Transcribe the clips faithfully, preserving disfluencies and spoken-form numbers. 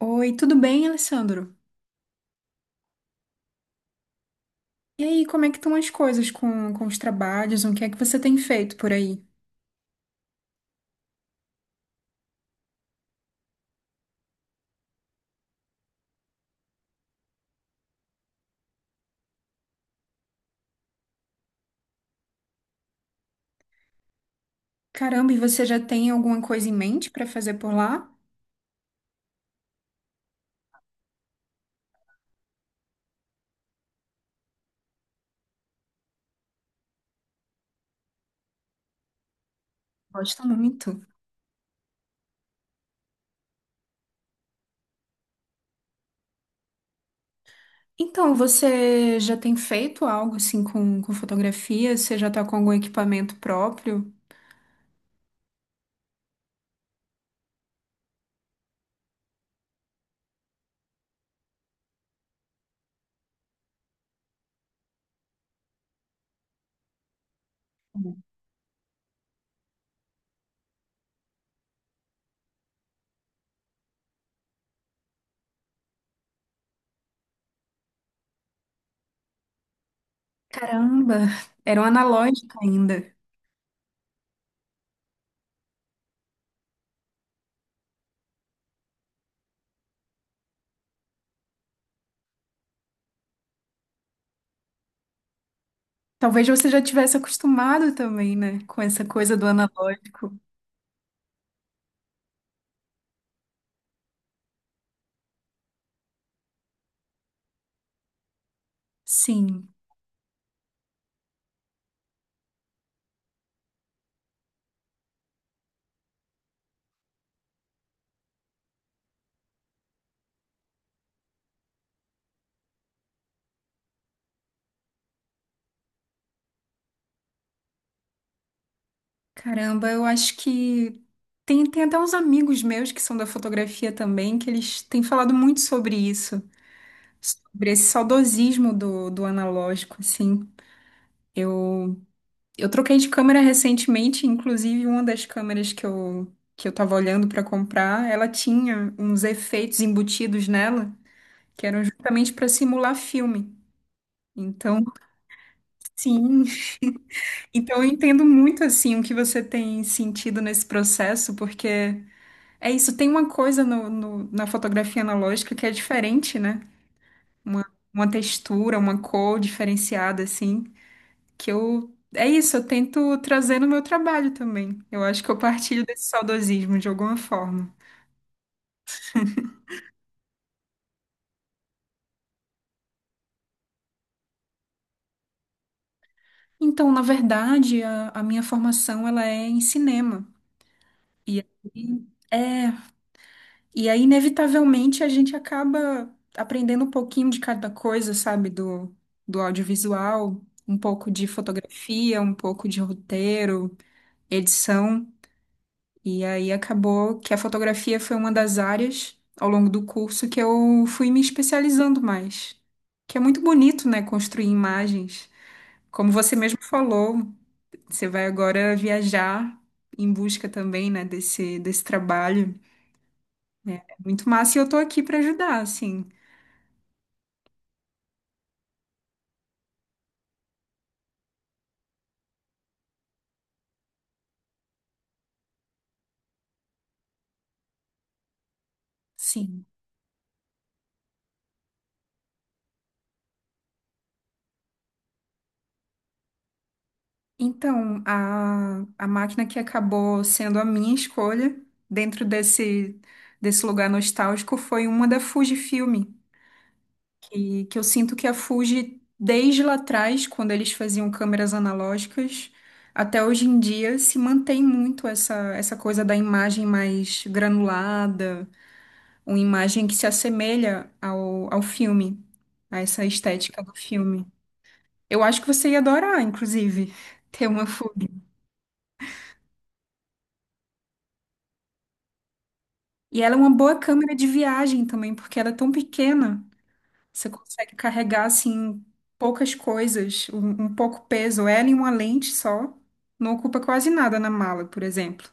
Oi, tudo bem, Alessandro? E aí, como é que estão as coisas com, com os trabalhos? O que é que você tem feito por aí? Caramba, e você já tem alguma coisa em mente para fazer por lá? Gosto muito. Então, você já tem feito algo assim com, com fotografia? Você já está com algum equipamento próprio? Caramba, era um analógico ainda. Talvez você já tivesse acostumado também, né, com essa coisa do analógico. Sim. Caramba, eu acho que tem, tem até uns amigos meus que são da fotografia também, que eles têm falado muito sobre isso, sobre esse saudosismo do, do analógico, assim. Eu, eu troquei de câmera recentemente, inclusive uma das câmeras que eu, que eu tava olhando para comprar, ela tinha uns efeitos embutidos nela, que eram justamente para simular filme. Então, sim, então eu entendo muito assim o que você tem sentido nesse processo, porque é isso, tem uma coisa no, no- na fotografia analógica que é diferente, né? Uma, uma textura, uma cor diferenciada, assim, que eu. É isso, eu tento trazer no meu trabalho também. Eu acho que eu partilho desse saudosismo de alguma forma. Então, na verdade, a, a minha formação ela é em cinema. E aí, é. E aí, inevitavelmente, a gente acaba aprendendo um pouquinho de cada coisa, sabe? Do, do audiovisual, um pouco de fotografia, um pouco de roteiro, edição. E aí acabou que a fotografia foi uma das áreas ao longo do curso que eu fui me especializando mais. Que é muito bonito, né? Construir imagens. Como você mesmo falou, você vai agora viajar em busca também, né? Desse, desse trabalho. É Muito massa, e eu tô aqui para ajudar, assim. Sim. Então, a, a máquina que acabou sendo a minha escolha dentro desse, desse lugar nostálgico foi uma da Fujifilm, que, que eu sinto que a Fuji, desde lá atrás, quando eles faziam câmeras analógicas, até hoje em dia, se mantém muito essa, essa coisa da imagem mais granulada, uma imagem que se assemelha ao, ao filme, a essa estética do filme. Eu acho que você ia adorar, inclusive, ter uma Fuji. E ela é uma boa câmera de viagem também, porque ela é tão pequena. Você consegue carregar, assim, poucas coisas, um, um pouco peso. Ela e uma lente só. Não ocupa quase nada na mala, por exemplo.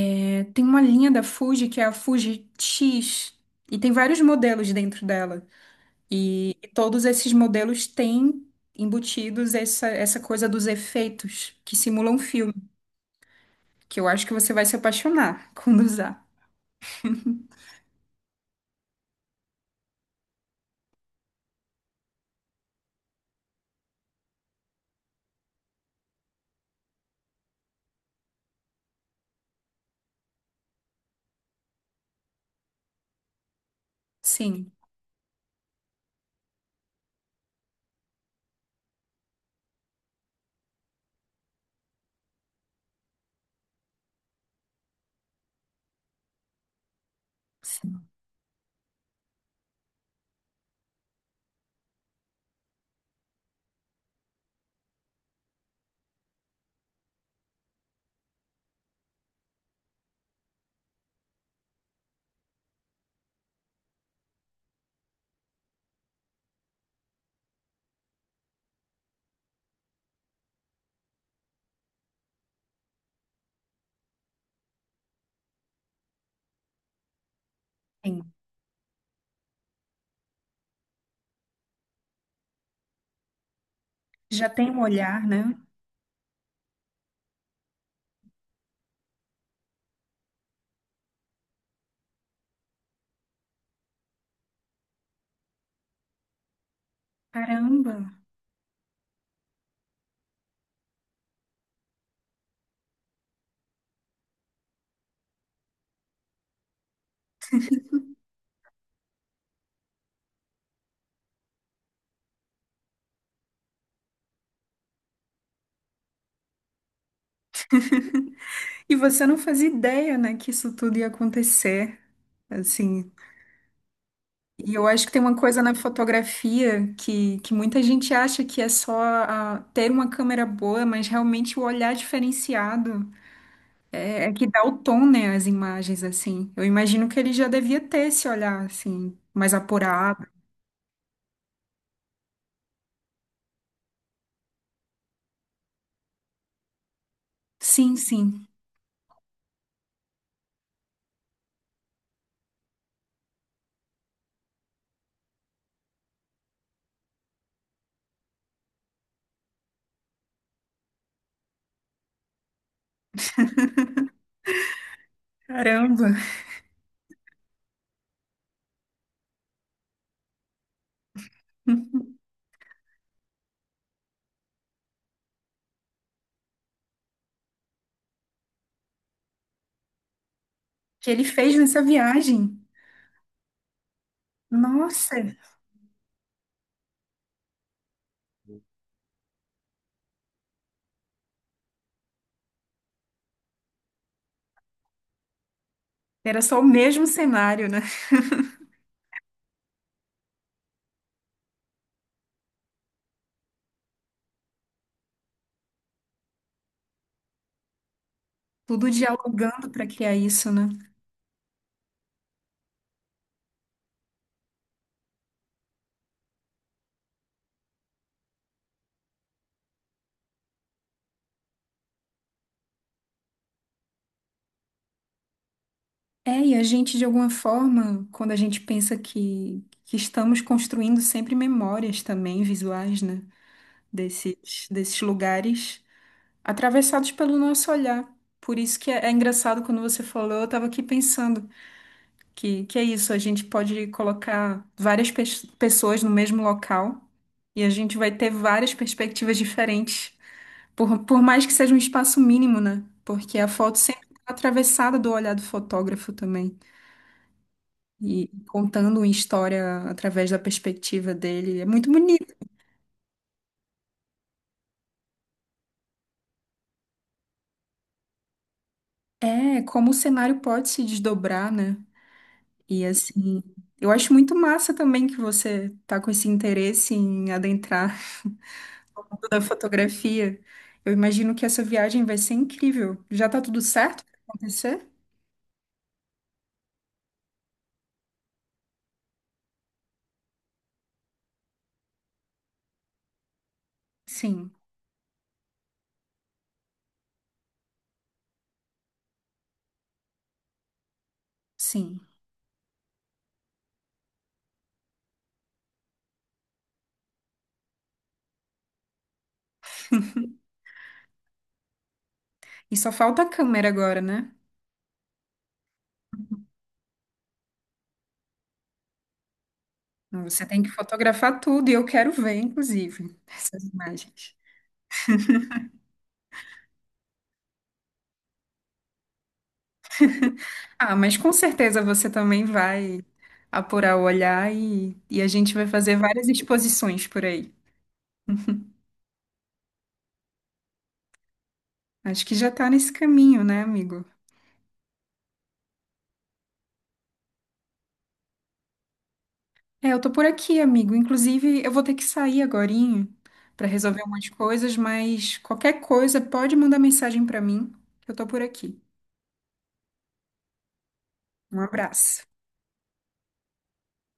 É, tem uma linha da Fuji que é a Fuji X. E tem vários modelos dentro dela. E, e todos esses modelos têm embutidos essa, essa coisa dos efeitos que simulam filme. Que eu acho que você vai se apaixonar quando usar. Sim. Sim. Sim. Já tem um olhar, né? Caramba! E você não fazia ideia, né, que isso tudo ia acontecer, assim. E eu acho que tem uma coisa na fotografia que, que muita gente acha que é só ah, ter uma câmera boa, mas realmente o olhar diferenciado é, é que dá o tom, né, às imagens, assim. Eu imagino que ele já devia ter esse olhar, assim, mais apurado. Sim, sim. Caramba! Que ele fez nessa viagem. Nossa! Era só o mesmo cenário, né? Tudo dialogando para criar isso, né? É, e a gente, de alguma forma, quando a gente pensa que, que estamos construindo sempre memórias também visuais, né? Desses, desses lugares, atravessados pelo nosso olhar. Por isso que é, é engraçado quando você falou, eu estava aqui pensando que, que é isso, a gente pode colocar várias pes- pessoas no mesmo local e a gente vai ter várias perspectivas diferentes, por, por mais que seja um espaço mínimo, né? Porque a foto sempre está atravessada do olhar do fotógrafo também. E contando uma história através da perspectiva dele. É muito bonito. É, como o cenário pode se desdobrar, né? E assim, eu acho muito massa também que você tá com esse interesse em adentrar o mundo da fotografia. Eu imagino que essa viagem vai ser incrível. Já tá tudo certo pra acontecer? Sim, sim. E só falta a câmera agora, né? Você tem que fotografar tudo e eu quero ver, inclusive, essas imagens. Ah, mas com certeza você também vai apurar o olhar e, e a gente vai fazer várias exposições por aí. Acho que já tá nesse caminho, né, amigo? É, eu tô por aqui, amigo. Inclusive, eu vou ter que sair agorinho para resolver umas coisas, mas qualquer coisa pode mandar mensagem para mim, que eu tô por aqui. Um abraço.